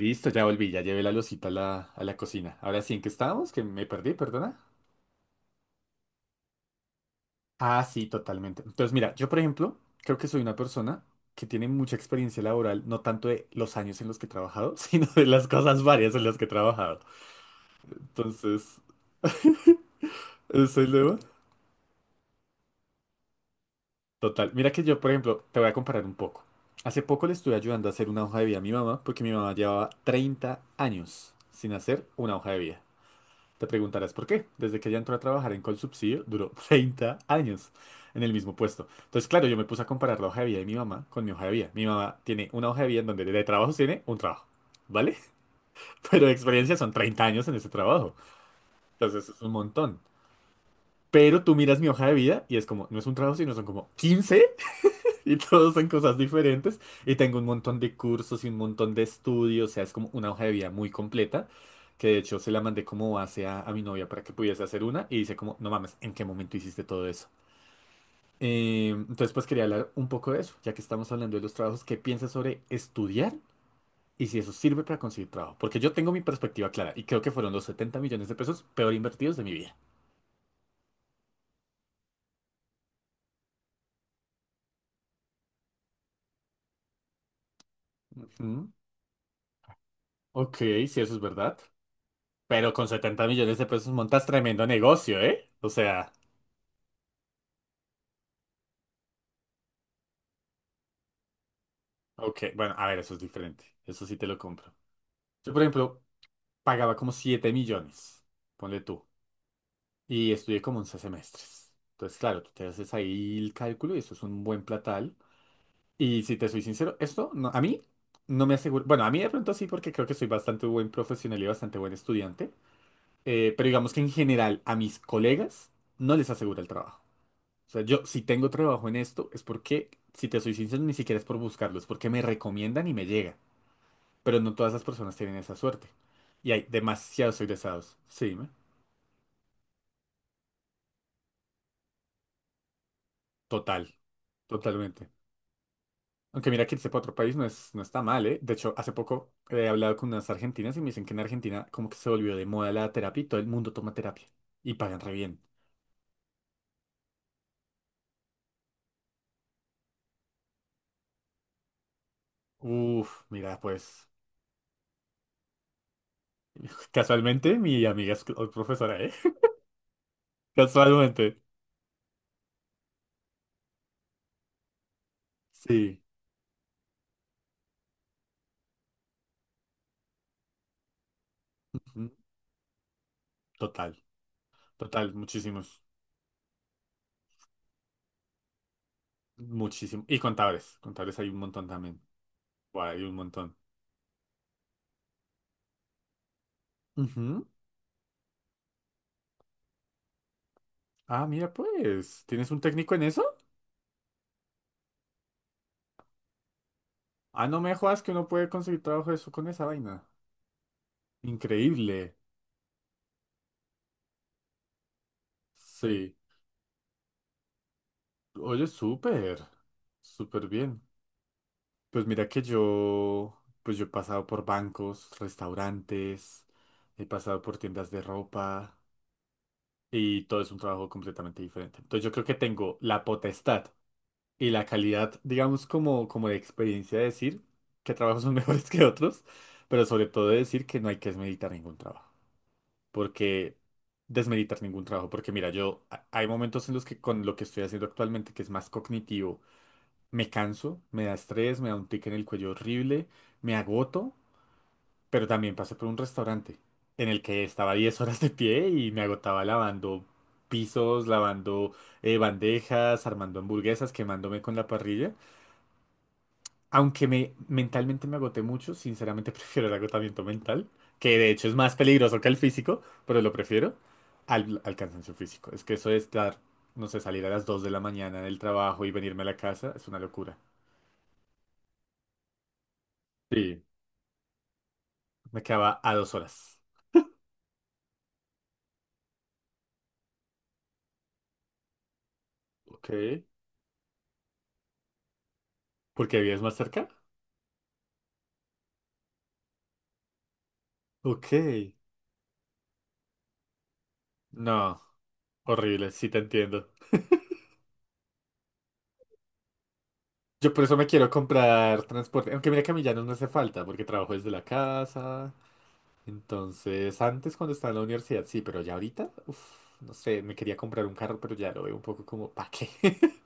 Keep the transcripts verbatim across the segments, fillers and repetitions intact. Listo, ya volví, ya llevé la losita a la, a la cocina. Ahora sí, ¿en qué estábamos? Que me perdí, perdona. Ah, sí, totalmente. Entonces, mira, yo por ejemplo, creo que soy una persona que tiene mucha experiencia laboral, no tanto de los años en los que he trabajado, sino de las cosas varias en las que he trabajado. Entonces, ¿eso es lo Total. Mira que yo, por ejemplo, te voy a comparar un poco. Hace poco le estuve ayudando a hacer una hoja de vida a mi mamá, porque mi mamá llevaba treinta años sin hacer una hoja de vida. Te preguntarás por qué. Desde que ella entró a trabajar en Colsubsidio, duró treinta años en el mismo puesto. Entonces, claro, yo me puse a comparar la hoja de vida de mi mamá con mi hoja de vida. Mi mamá tiene una hoja de vida en donde de trabajo tiene un trabajo, ¿vale? Pero de experiencia son treinta años en ese trabajo. Entonces, es un montón. Pero tú miras mi hoja de vida y es como, no es un trabajo, sino son como quince y todos son cosas diferentes. Y tengo un montón de cursos y un montón de estudios. O sea, es como una hoja de vida muy completa. Que de hecho se la mandé como base a, a mi novia para que pudiese hacer una. Y dice como, no mames, ¿en qué momento hiciste todo eso? Eh, entonces pues quería hablar un poco de eso. Ya que estamos hablando de los trabajos, ¿qué piensas sobre estudiar? Y si eso sirve para conseguir trabajo. Porque yo tengo mi perspectiva clara. Y creo que fueron los 70 millones de pesos peor invertidos de mi vida. Ujú. Ok, si eso es verdad. Pero con 70 millones de pesos montas tremendo negocio, ¿eh? O sea. Ok, bueno, a ver, eso es diferente. Eso sí te lo compro. Yo, por ejemplo, pagaba como siete millones, ponle tú, y estudié como once semestres. Entonces, claro, tú te haces ahí el cálculo y eso es un buen platal. Y si te soy sincero, esto no, a mí no me aseguro. Bueno, a mí de pronto sí, porque creo que soy bastante buen profesional y bastante buen estudiante. Eh, pero digamos que en general a mis colegas no les asegura el trabajo. O sea, yo si tengo trabajo en esto es porque, si te soy sincero, ni siquiera es por buscarlo, es porque me recomiendan y me llega. Pero no todas las personas tienen esa suerte. Y hay demasiados egresados. Sí, dime. Total. Totalmente. Aunque mira que irse para otro país no es, no está mal, ¿eh? De hecho, hace poco he hablado con unas argentinas y me dicen que en Argentina como que se volvió de moda la terapia y todo el mundo toma terapia. Y pagan re bien. Uf, mira, pues casualmente mi amiga es cl- profesora, ¿eh? Casualmente. Sí. Ujú. Total. Total. Muchísimos. Muchísimos. Y contadores. Contadores hay un montón también. Buah, hay un montón. Ujú. Ah, mira pues, ¿tienes un técnico en eso? Ah, no me jodas que uno puede conseguir trabajo de eso con esa vaina. Increíble. Sí. Oye, súper. Súper bien. Pues mira que yo, pues yo he pasado por bancos, restaurantes, he pasado por tiendas de ropa y todo es un trabajo completamente diferente. Entonces yo creo que tengo la potestad y la calidad, digamos, como, como de experiencia de decir que trabajos son mejores que otros, pero sobre todo de decir que no hay que meditar ningún trabajo. Porque desmeritar ningún trabajo. Porque mira, yo ha- hay momentos en los que con lo que estoy haciendo actualmente, que es más cognitivo, me canso, me da estrés, me da un tic en el cuello horrible, me agoto, pero también pasé por un restaurante en el que estaba diez horas de pie y me agotaba lavando pisos, lavando eh, bandejas, armando hamburguesas, quemándome con la parrilla. Aunque me, mentalmente me agoté mucho, sinceramente prefiero el agotamiento mental, que de hecho es más peligroso que el físico, pero lo prefiero al, al cansancio físico. Es que eso de estar, no sé, salir a las dos de la mañana del trabajo y venirme a la casa es una locura. Sí, me quedaba a dos horas. Ok. ¿Por qué vives más cerca? Ok. No, horrible, sí te entiendo. Yo por eso me quiero comprar transporte, aunque mira que a mí ya no me hace falta, porque trabajo desde la casa. Entonces, antes cuando estaba en la universidad, sí, pero ya ahorita, uff, no sé, me quería comprar un carro, pero ya lo veo un poco como, ¿para qué?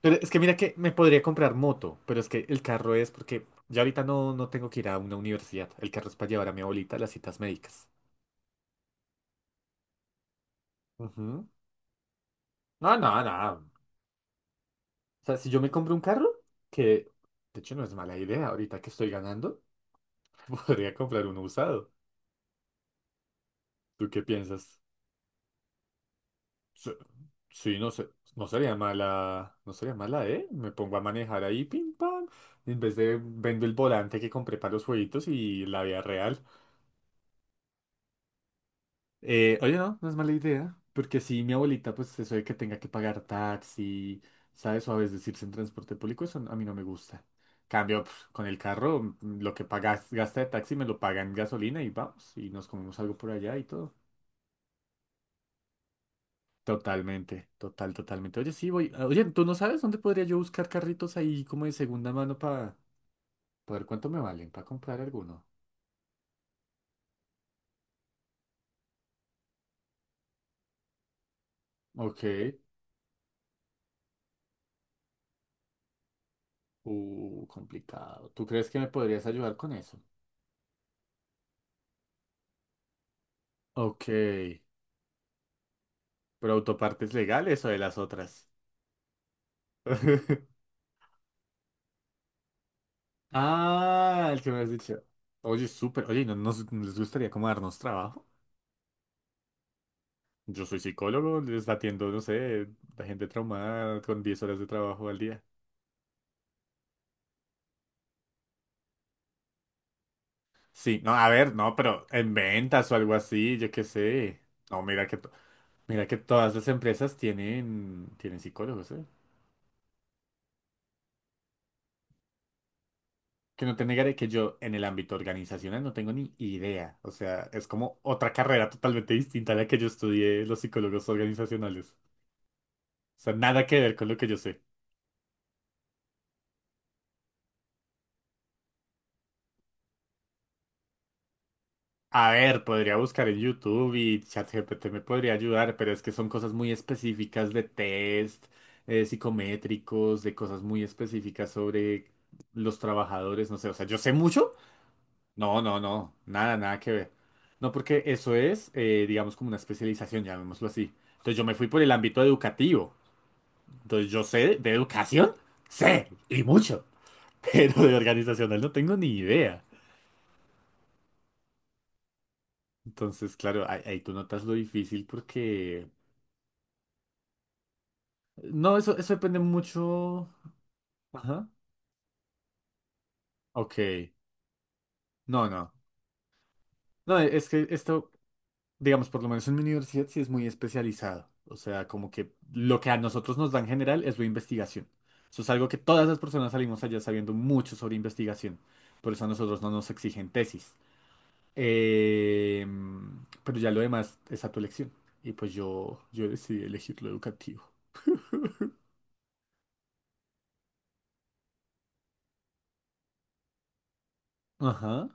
Pero es que mira que me podría comprar moto, pero es que el carro es porque ya ahorita no, no tengo que ir a una universidad. El carro es para llevar a mi abuelita a las citas médicas. Ujú. No, no, no. O sea, si yo me compro un carro, que de hecho no es mala idea, ahorita que estoy ganando, podría comprar uno usado. ¿Tú qué piensas? Sí, sí, no sé, no sería mala, no sería mala, ¿eh? Me pongo a manejar ahí, pim pam, en vez de vendo el volante que compré para los jueguitos y la vida real. Eh, oye, no, no es mala idea, porque si mi abuelita, pues eso de que tenga que pagar taxi, ¿sabes? O a veces irse en transporte público, eso a mí no me gusta. Cambio, pues, con el carro, mm, lo que pagas, gasta de taxi me lo pagan en gasolina y vamos, y nos comemos algo por allá y todo. Totalmente, total, totalmente. Oye, sí, voy. ah, Oye, ¿tú no sabes dónde podría yo buscar carritos ahí como de segunda mano para ver cuánto me valen, para comprar alguno? Ok. Uh, complicado. ¿Tú crees que me podrías ayudar con eso? Ok. ¿Pero autopartes legales o de las otras? Ah, el que me has dicho. Oye, súper. Oye, ¿no nos no les gustaría como darnos trabajo? Yo soy psicólogo, les atiendo, no sé, la gente traumada con diez horas de trabajo al día. Sí, no, a ver, no, pero en ventas o algo así, yo qué sé. No, mira que, to- mira que todas las empresas tienen, tienen, psicólogos, ¿eh? Que no te negaré que yo en el ámbito organizacional no tengo ni idea. O sea, es como otra carrera totalmente distinta a la que yo estudié los psicólogos organizacionales. O sea, nada que ver con lo que yo sé. A ver, podría buscar en YouTube y ChatGPT me podría ayudar, pero es que son cosas muy específicas de test, eh, psicométricos, de cosas muy específicas sobre los trabajadores, no sé, o sea, yo sé mucho. No, no, no, nada, nada que ver. No, porque eso es, eh, digamos, como una especialización, llamémoslo así. Entonces yo me fui por el ámbito educativo. Entonces yo sé de educación, sé, y mucho, pero de organizacional no tengo ni idea. Entonces, claro, ahí, ahí tú notas lo difícil porque. No, eso, eso depende mucho. Ajá. Ok. No, no. No, es que esto, digamos, por lo menos en mi universidad sí es muy especializado. O sea, como que lo que a nosotros nos dan general es la investigación. Eso es algo que todas las personas salimos allá sabiendo mucho sobre investigación. Por eso a nosotros no nos exigen tesis. Eh, pero ya lo demás es a tu elección. Y pues yo, yo decidí elegir lo educativo. Ajá.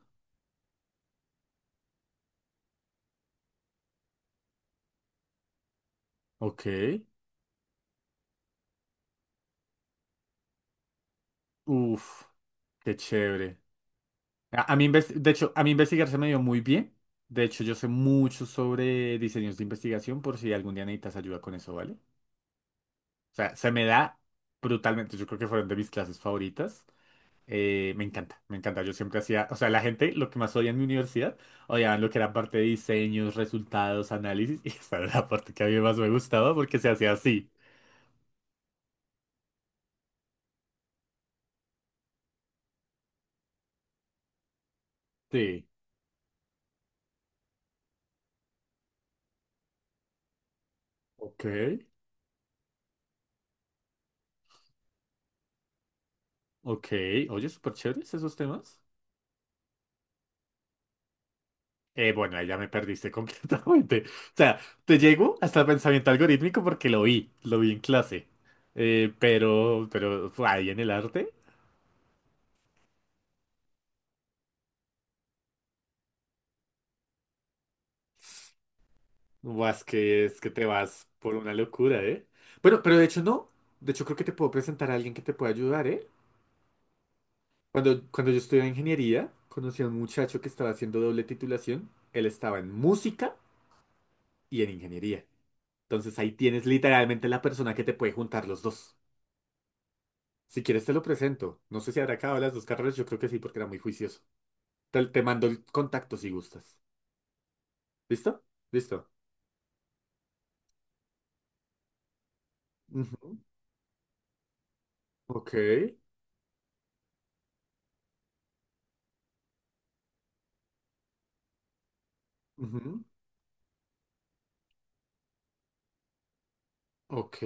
Ok. Uf, qué chévere. A, a mí, inves- de hecho, a mí investigar se me dio muy bien. De hecho, yo sé mucho sobre diseños de investigación por si algún día necesitas ayuda con eso, ¿vale? O sea, se me da brutalmente. Yo creo que fueron de mis clases favoritas. Eh, me encanta, me encanta. Yo siempre hacía, o sea, la gente, lo que más odia en mi universidad, odiaban lo que era parte de diseños, resultados, análisis. Y esa era la parte que a mí más me gustaba porque se hacía así. Sí. Ok, ok. Oye, súper chéveres esos temas. Eh, bueno, ahí ya me perdiste completamente. O sea, te llego hasta el pensamiento algorítmico porque lo vi, lo vi en clase. Eh, pero, pero, fue ahí en el arte, más que es que te vas por una locura, ¿eh? Bueno, pero de hecho no. De hecho creo que te puedo presentar a alguien que te pueda ayudar, ¿eh? Cuando, cuando yo estudiaba ingeniería, conocí a un muchacho que estaba haciendo doble titulación. Él estaba en música y en ingeniería. Entonces ahí tienes literalmente la persona que te puede juntar los dos. Si quieres te lo presento. No sé si habrá acabado las dos carreras, yo creo que sí, porque era muy juicioso. Te, te mando el contacto si gustas. ¿Listo? Listo. Ujú. Ok. Ujú. Ok.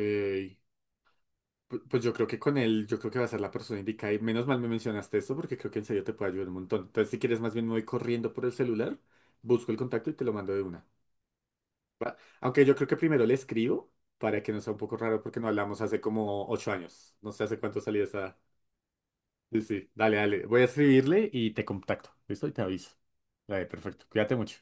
Pu- Pues yo creo que con él, yo creo que va a ser la persona indicada. Y menos mal me mencionaste esto porque creo que en serio te puede ayudar un montón. Entonces, si quieres, más bien me voy corriendo por el celular, busco el contacto y te lo mando de una. ¿Va? Aunque yo creo que primero le escribo para que no sea un poco raro porque no hablamos hace como ocho años. No sé hace cuánto salí de esa. Sí, sí, dale, dale. Voy a escribirle y te contacto. ¿Listo? Y te aviso. Dale, perfecto. Cuídate mucho.